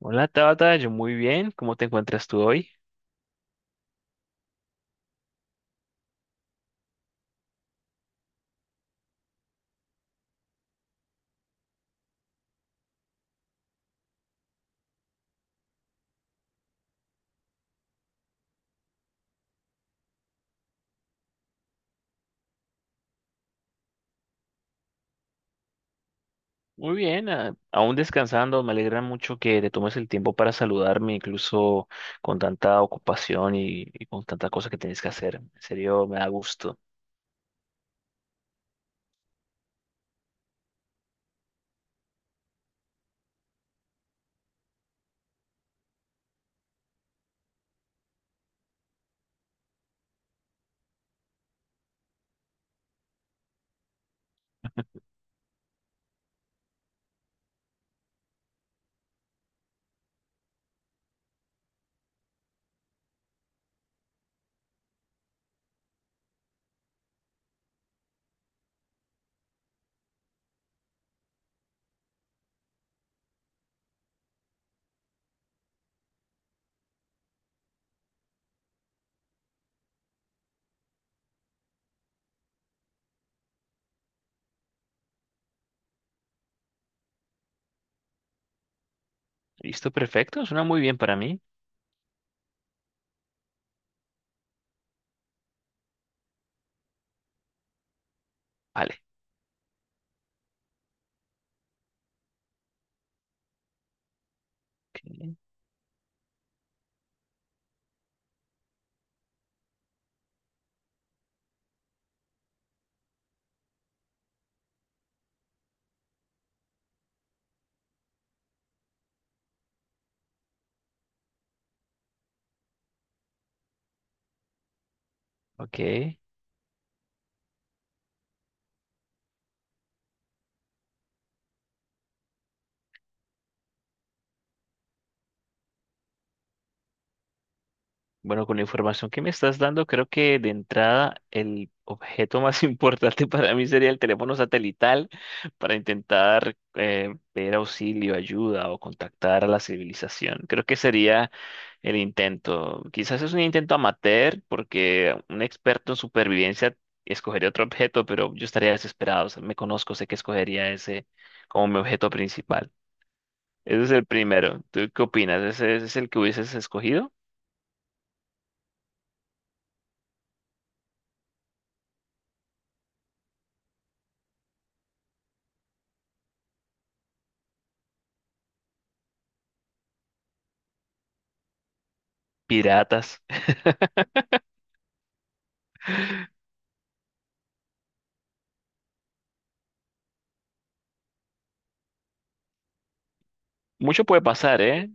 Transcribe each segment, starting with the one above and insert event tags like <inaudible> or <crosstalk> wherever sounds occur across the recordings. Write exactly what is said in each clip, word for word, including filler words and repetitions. Hola Tabata, yo muy bien, ¿cómo te encuentras tú hoy? Muy bien, a- aún descansando, me alegra mucho que te tomes el tiempo para saludarme, incluso con tanta ocupación y, y con tanta cosa que tienes que hacer. En serio, me da gusto. Listo, perfecto, suena muy bien para mí. Vale, ok. Ok. Bueno, con la información que me estás dando, creo que de entrada el objeto más <laughs> importante para mí sería el teléfono satelital para intentar eh, ver auxilio, ayuda o contactar a la civilización. Creo que sería el intento. Quizás es un intento amateur porque un experto en supervivencia escogería otro objeto, pero yo estaría desesperado. O sea, me conozco, sé que escogería ese como mi objeto principal. Ese es el primero. ¿Tú qué opinas? ¿Ese ese es el que hubieses escogido? Piratas. Mucho puede pasar, ¿eh?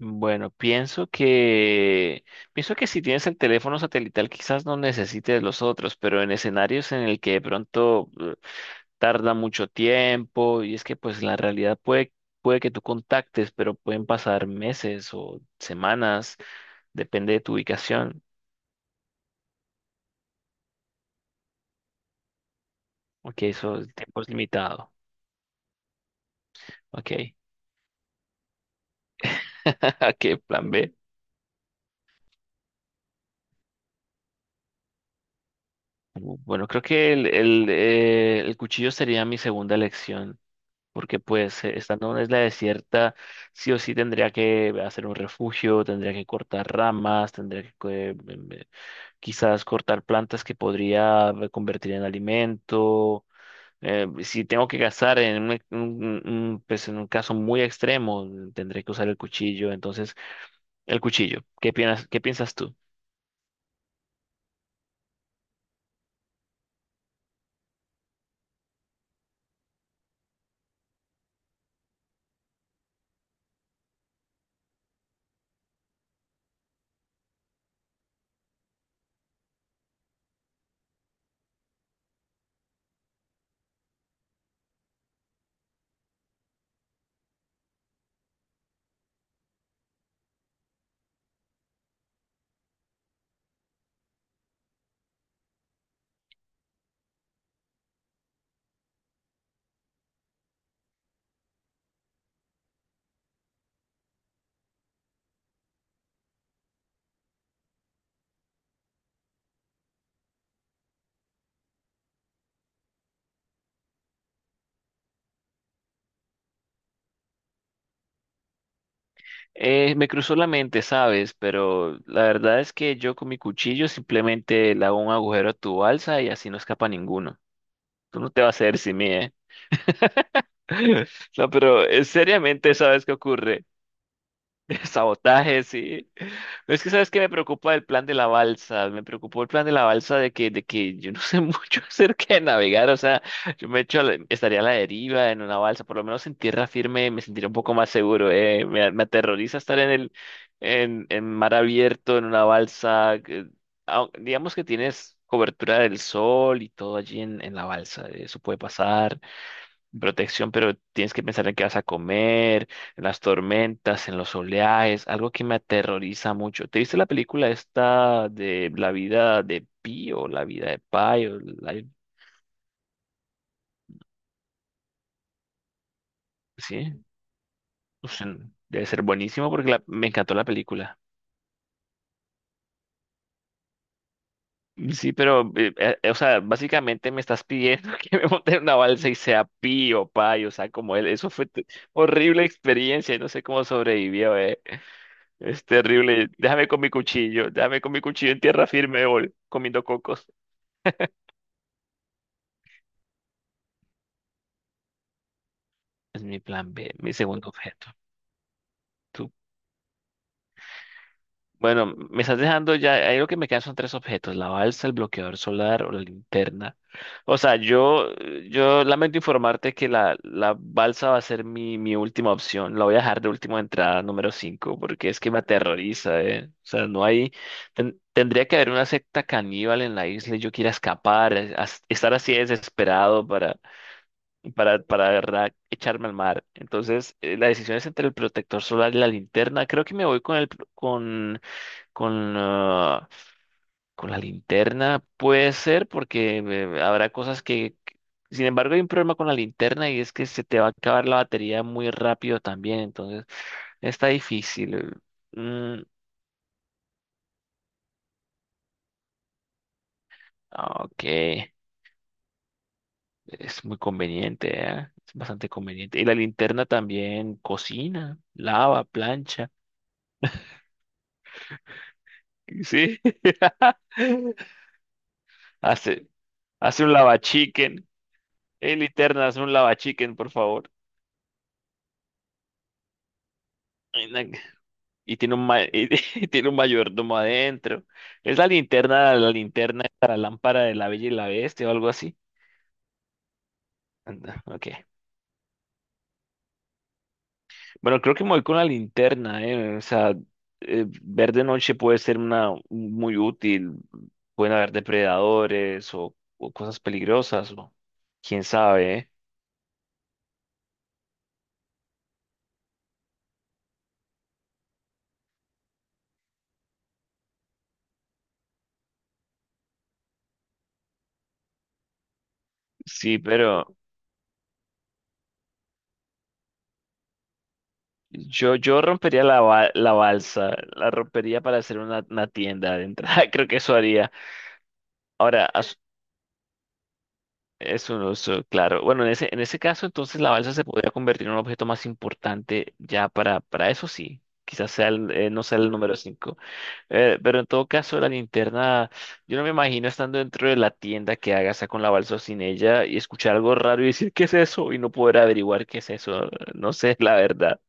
Bueno, pienso que pienso que si tienes el teléfono satelital quizás no necesites los otros, pero en escenarios en el que de pronto eh, tarda mucho tiempo y es que pues la realidad puede puede que tú contactes, pero pueden pasar meses o semanas, depende de tu ubicación. Ok, eso el tiempo es limitado. Ok. <laughs> Ok, plan B. Bueno, creo que el, el, eh, el cuchillo sería mi segunda elección. Porque pues eh, estando en una isla desierta, sí o sí tendría que hacer un refugio, tendría que cortar ramas, tendría que eh, em, eh, quizás cortar plantas que podría convertir en alimento. Eh, si tengo que cazar en un, un- un- pues en un caso muy extremo, mm, tendré que usar el cuchillo. Entonces, el cuchillo, ¿qué piensas, ¿qué piensas tú? Eh, me cruzó la mente, ¿sabes? Pero la verdad es que yo con mi cuchillo simplemente le hago un agujero a tu balsa y así no escapa ninguno. Tú no te vas a hacer sin mí, ¿eh? <laughs> No, pero eh, seriamente, ¿sabes qué ocurre? <laughs> Sabotaje, sí. Es que, ¿sabes qué me preocupa el plan de la balsa? Me preocupó el plan de la balsa de que, de que yo no sé <laughs> mucho acerca de navegar. O sea, yo me echo, a la- estaría a la deriva en una balsa. Por lo menos en tierra firme me sentiría un poco más seguro, ¿eh? Me, me aterroriza estar en el, en, en mar abierto, en una balsa. que- au- digamos que tienes cobertura del sol y todo allí en, en la balsa. Eso puede pasar protección, pero tienes que pensar en qué vas a comer, en las tormentas, en los oleajes, algo que me aterroriza mucho. ¿Te viste la película esta de La vida de Pi o La vida de Pai? O la- Sí. O sea, debe ser buenísimo porque la- me encantó la película. Sí, pero, eh, eh, o sea, básicamente me estás pidiendo <laughs> que me monte en una balsa y sea Pi o Pai, o sea, como él. Eso fue t- horrible experiencia, y no sé cómo sobrevivió, eh. Es terrible. Déjame con mi cuchillo. Déjame con mi cuchillo en tierra firme, gol, comiendo cocos. Es mi plan B, mi segundo objeto. Tú- Bueno, me estás dejando ya. Ahí lo que me quedan son tres objetos: la balsa, el bloqueador solar o la linterna. O sea, yo, yo lamento informarte que la, la balsa va a ser mi, mi última opción. La voy a dejar de última entrada, número cinco, porque es que me aterroriza, ¿eh? O sea, no hay. ten- tendría que haber una secta caníbal en la isla y yo quiera escapar, es- as- estar así desesperado para. para, para ra- echarme al mar. Entonces, eh, la decisión es entre el protector solar y la linterna. Creo que me voy con el pro- con con ah, con la linterna. Puede ser porque eh, habrá cosas que que- Sin embargo, hay un problema con la linterna y es que se te va a acabar la batería muy rápido también, entonces está difícil. Mm, ah, ok, es muy conveniente, ¿eh? Es bastante conveniente. Y la linterna también cocina, lava, plancha. Sí. <laughs> Hace, hace un lavachicken. Eh, linterna, hace un lavachicken, por favor. Y tiene un, ma- <laughs> y tiene un mayordomo adentro. Es la linterna, la linterna, la lámpara de la Bella y la Bestia o algo así. Anda, ok. Bueno, creo que me voy con la linterna, ¿eh? O sea, eh, ver de noche puede ser una muy útil. Pueden haber depredadores o, o cosas peligrosas, o quién sabe, ¿eh? Sí, pero. Yo, yo rompería la, ba- la balsa, la rompería para hacer una, una tienda de entrada, <laughs> creo que eso haría. Ahora, as- es un oso, claro. Bueno, en ese, en ese caso, entonces la balsa se podría convertir en un objeto más importante ya para, para eso sí. Quizás sea el- eh, no sea el número cinco. Eh, pero en todo caso, la linterna, yo no me imagino estando dentro de la tienda que haga sea con la balsa o sin ella y escuchar algo raro y decir, ¿qué es eso? Y no poder averiguar qué es eso. No sé, <laughs> la verdad.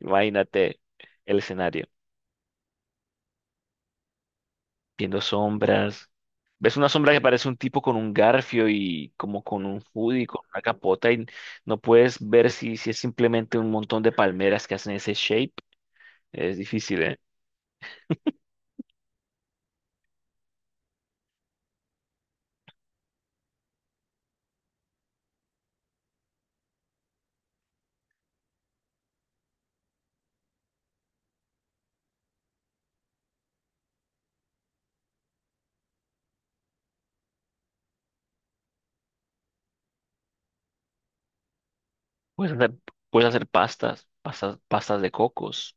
Imagínate el escenario. Viendo sombras. Ves una sombra que parece un tipo con un garfio y como con un hoodie, con una capota y no puedes ver si, si es simplemente un montón de palmeras que hacen ese shape. Es difícil, ¿eh? Puedes hacer, puedes hacer pastas, pastas, pastas de cocos.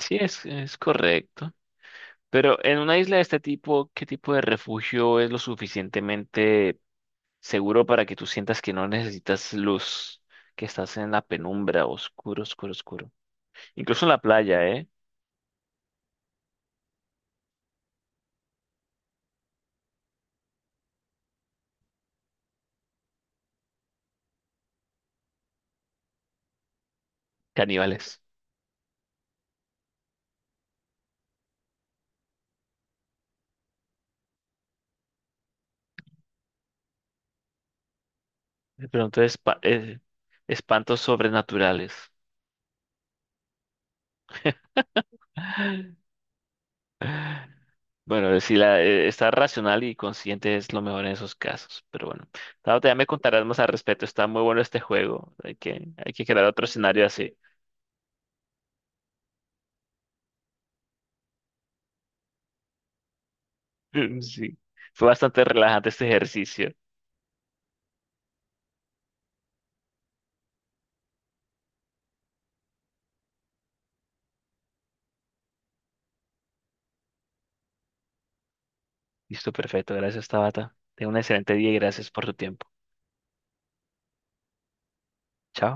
Sí, es, es correcto. Pero en una isla de este tipo, ¿qué tipo de refugio es lo suficientemente seguro para que tú sientas que no necesitas luz, que estás en la penumbra, oscuro, oscuro, oscuro? Incluso en la playa, ¿eh? Caníbales. Pero entonces pa- eh, espantos sobrenaturales. <gasps> Bueno, si la, eh, estar racional y consciente es lo mejor en esos casos. Pero bueno, Tabata, ya me contarás más al respecto. Está muy bueno este juego. Hay que, hay que crear otro escenario así. <laughs> Sí. Fue bastante relajante este ejercicio. Listo, perfecto. Gracias, Tabata. Tenga un excelente día y gracias por tu tiempo. Chao.